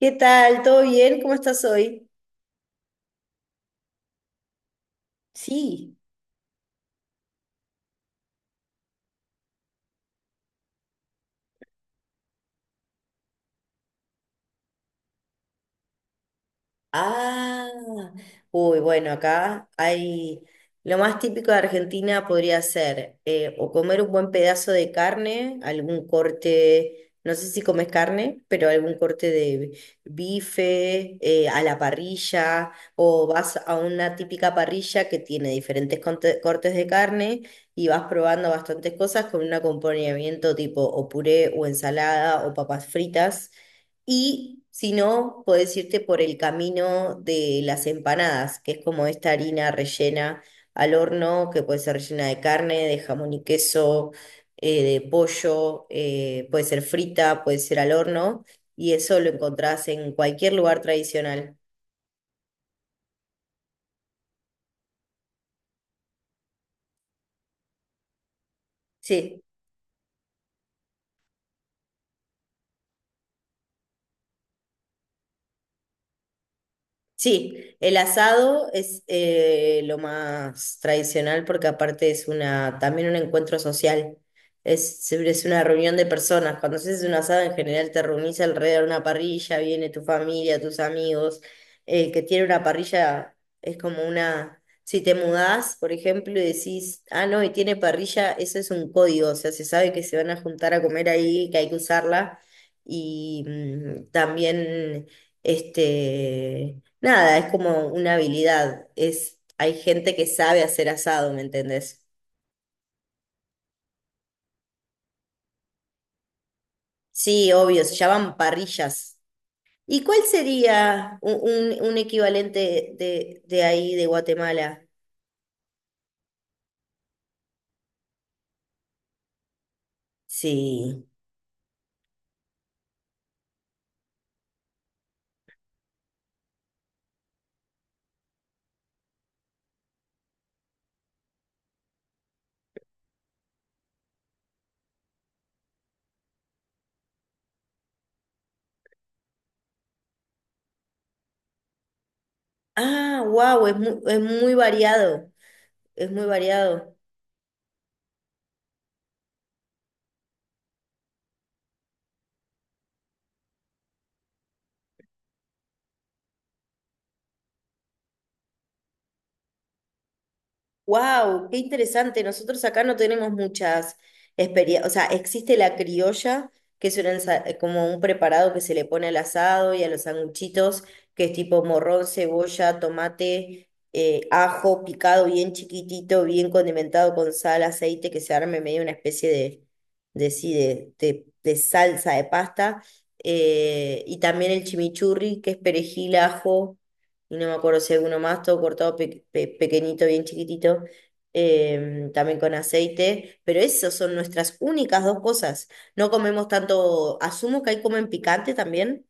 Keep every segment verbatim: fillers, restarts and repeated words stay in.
¿Qué tal? ¿Todo bien? ¿Cómo estás hoy? Sí. Ah, uy, bueno, acá hay lo más típico de Argentina podría ser eh, o comer un buen pedazo de carne, algún corte, no sé si comes carne, pero algún corte de bife eh, a la parrilla o vas a una típica parrilla que tiene diferentes conte- cortes de carne y vas probando bastantes cosas con un acompañamiento tipo o puré o ensalada o papas fritas. Y si no, puedes irte por el camino de las empanadas, que es como esta harina rellena al horno, que puede ser rellena de carne, de jamón y queso, eh, de pollo, eh, puede ser frita, puede ser al horno, y eso lo encontrás en cualquier lugar tradicional. Sí. Sí, el asado es eh, lo más tradicional porque aparte es una, también un encuentro social. Es, siempre es una reunión de personas. Cuando haces un asado en general te reunís alrededor de una parrilla, viene tu familia, tus amigos. El que tiene una parrilla es como una... Si te mudás, por ejemplo, y decís, ah, no, y tiene parrilla, eso es un código. O sea, se sabe que se van a juntar a comer ahí, que hay que usarla. Y mm, también, este... Nada, es como una habilidad. Es, hay gente que sabe hacer asado, ¿me entendés? Sí, obvio, se llaman parrillas. ¿Y cuál sería un, un- un equivalente de, de ahí, de Guatemala? Sí. Ah, wow, es muy, es muy variado. Es muy variado. Wow, qué interesante. Nosotros acá no tenemos muchas experiencias. O sea, existe la criolla, que es una ensa- eh, como un preparado que se le pone al asado y a los sanguchitos, que es tipo morrón, cebolla, tomate, eh, ajo picado bien chiquitito, bien condimentado con sal, aceite, que se arme medio una especie de, de, sí, de, de- de salsa de pasta. Eh, y también el chimichurri, que es perejil, ajo y no me acuerdo si alguno más, todo cortado pe- pe- pequeñito, bien chiquitito, eh, también con aceite, pero esas son nuestras únicas dos cosas. No comemos tanto, asumo que ahí comen picante también.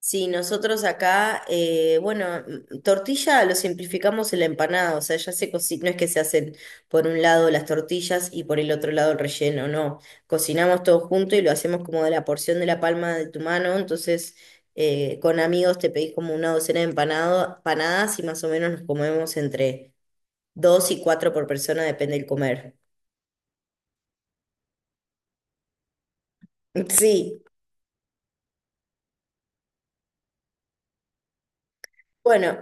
Sí, nosotros acá, eh, bueno, mm, tortilla lo simplificamos en la empanada, o sea, ya se cocina, no es que se hacen por un lado las tortillas y por el otro lado el relleno, no, cocinamos todo junto y lo hacemos como de la porción de la palma de tu mano, entonces eh, con amigos te pedís como una docena de empanado, empanadas y más o menos nos comemos entre dos y cuatro por persona, depende del comer. Sí, bueno,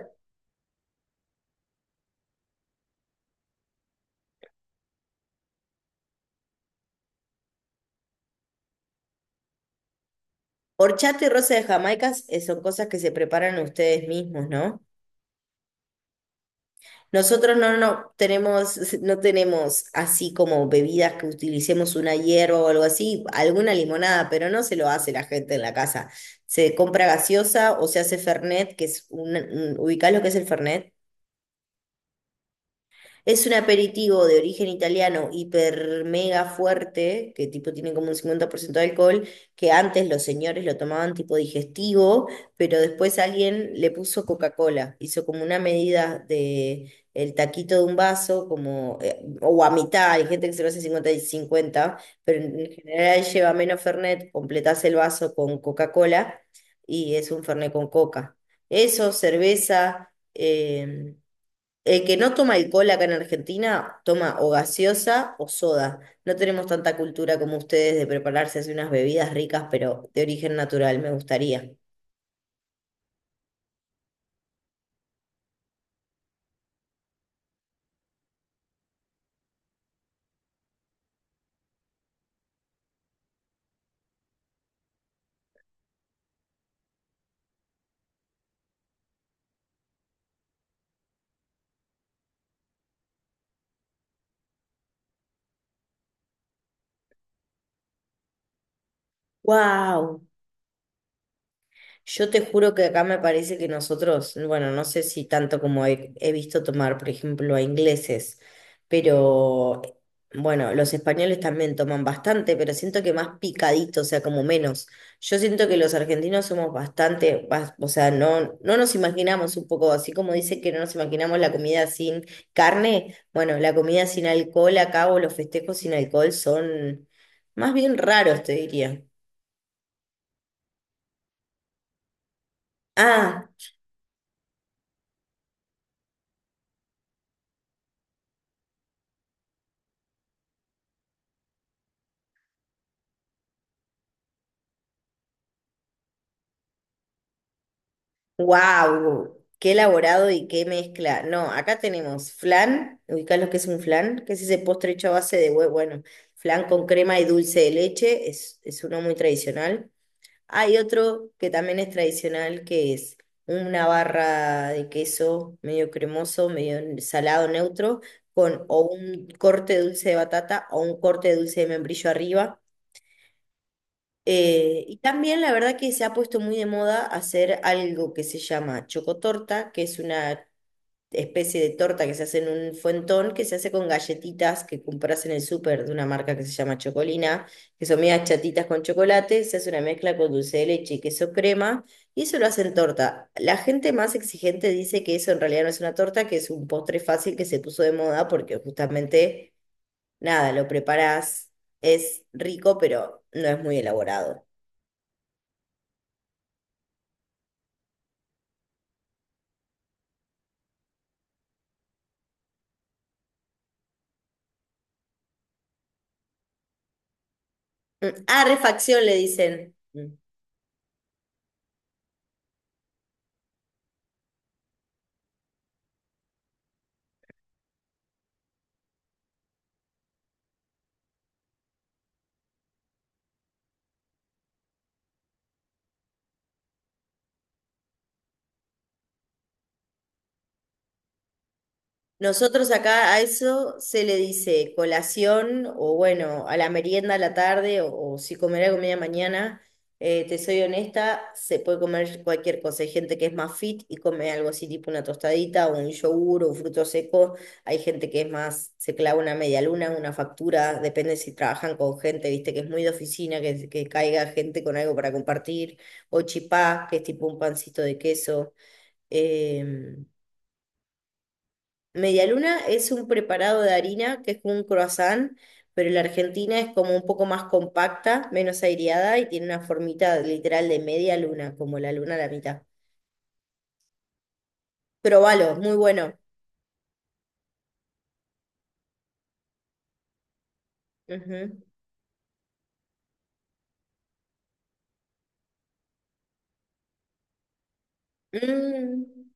horchata y rosa de Jamaica eh, son cosas que se preparan ustedes mismos, ¿no? Nosotros no, no tenemos, no tenemos así como bebidas que utilicemos una hierba o algo así, alguna limonada, pero no se lo hace la gente en la casa. Se compra gaseosa o se hace Fernet, que es un, un- ¿ubicás lo que es el Fernet? Es un aperitivo de origen italiano hiper mega fuerte, que tipo tiene como un cincuenta por ciento de alcohol, que antes los señores lo tomaban tipo digestivo, pero después alguien le puso Coca-Cola, hizo como una medida de el taquito de un vaso, como, eh, o a mitad, hay gente que se lo hace cincuenta y cincuenta pero en en general lleva menos Fernet, completás el vaso con Coca-Cola y es un Fernet con Coca. Eso, cerveza. eh, el que no toma alcohol acá en Argentina toma o gaseosa o soda. No tenemos tanta cultura como ustedes de prepararse así unas bebidas ricas, pero de origen natural, me gustaría. ¡Wow! Yo te juro que acá me parece que nosotros, bueno, no sé si tanto como he, he visto tomar, por ejemplo, a ingleses, pero bueno, los españoles también toman bastante, pero siento que más picadito, o sea, como menos. Yo siento que los argentinos somos bastante, bas- o sea, no, no nos imaginamos un poco, así como dice que no nos imaginamos la comida sin carne, bueno, la comida sin alcohol acá o los festejos sin alcohol son más bien raros, te diría. Ah. Wow, qué elaborado y qué mezcla. No, acá tenemos flan, ubicás lo que es un flan, que es ese postre hecho a base de huevo, bueno, flan con crema y dulce de leche, es, es uno muy tradicional. Hay otro que también es tradicional, que es una barra de queso medio cremoso, medio salado neutro, con o un corte de dulce de batata o un corte de dulce de membrillo arriba eh, y también la verdad que se ha puesto muy de moda hacer algo que se llama chocotorta, que es una especie de torta que se hace en un fuentón, que se hace con galletitas que compras en el súper de una marca que se llama Chocolina, que son medias chatitas con chocolate, se hace una mezcla con dulce de leche y queso crema, y eso lo hacen torta. La gente más exigente dice que eso en realidad no es una torta, que es un postre fácil que se puso de moda porque justamente, nada, lo preparás, es rico, pero no es muy elaborado. Mm, Ah, refacción le dicen. Mm. Nosotros acá a eso se le dice colación o bueno, a la merienda a la tarde o, o si comerá comida mañana. Eh, te soy honesta, se puede comer cualquier cosa. Hay gente que es más fit y come algo así tipo una tostadita o un yogur o un fruto seco. Hay gente que es más, se clava una media luna, una factura, depende si trabajan con gente, viste, que es muy de oficina, que, que caiga gente con algo para compartir. O chipá, que es tipo un pancito de queso. Eh, media luna es un preparado de harina que es como un croissant, pero la Argentina es como un poco más compacta, menos aireada y tiene una formita literal de media luna, como la luna a la mitad. Probalo, es muy bueno. Ujú. Mm.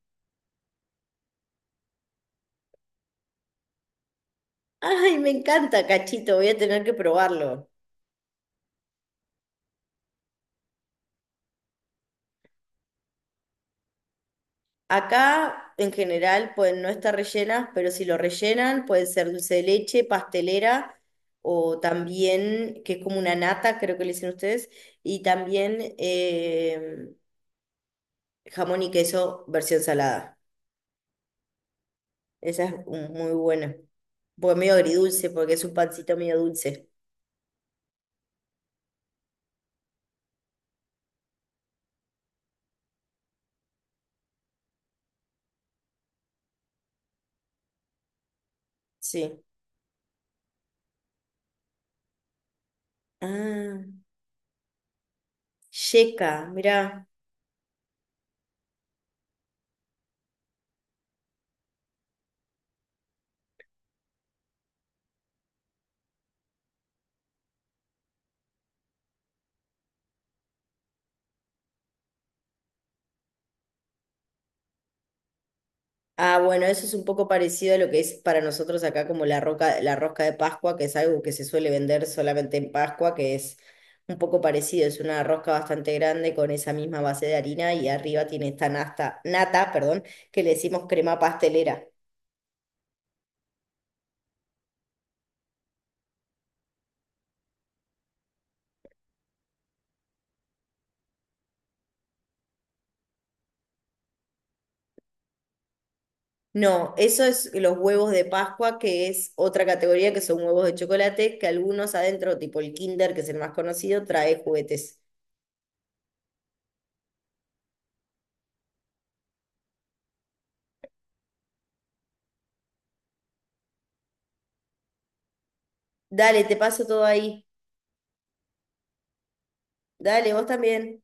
Ay, me encanta, cachito, voy a tener que probarlo. Acá en general pueden no estar rellenas, pero si lo rellenan puede ser dulce de leche, pastelera o también, que es como una nata, creo que le dicen ustedes, y también eh, jamón y queso versión salada. Esa es un- muy buena. Porque medio agridulce, porque es un pancito medio dulce. Sí. Ah, yeca, mirá. Ah, bueno, eso es un poco parecido a lo que es para nosotros acá como la roca, la rosca de Pascua, que es algo que se suele vender solamente en Pascua, que es un poco parecido, es una rosca bastante grande con esa misma base de harina y arriba tiene esta nasta, nata, perdón, que le decimos crema pastelera. No, eso es los huevos de Pascua, que es otra categoría que son huevos de chocolate, que algunos adentro, tipo el Kinder, que es el más conocido, trae juguetes. Dale, te paso todo ahí. Dale, vos también.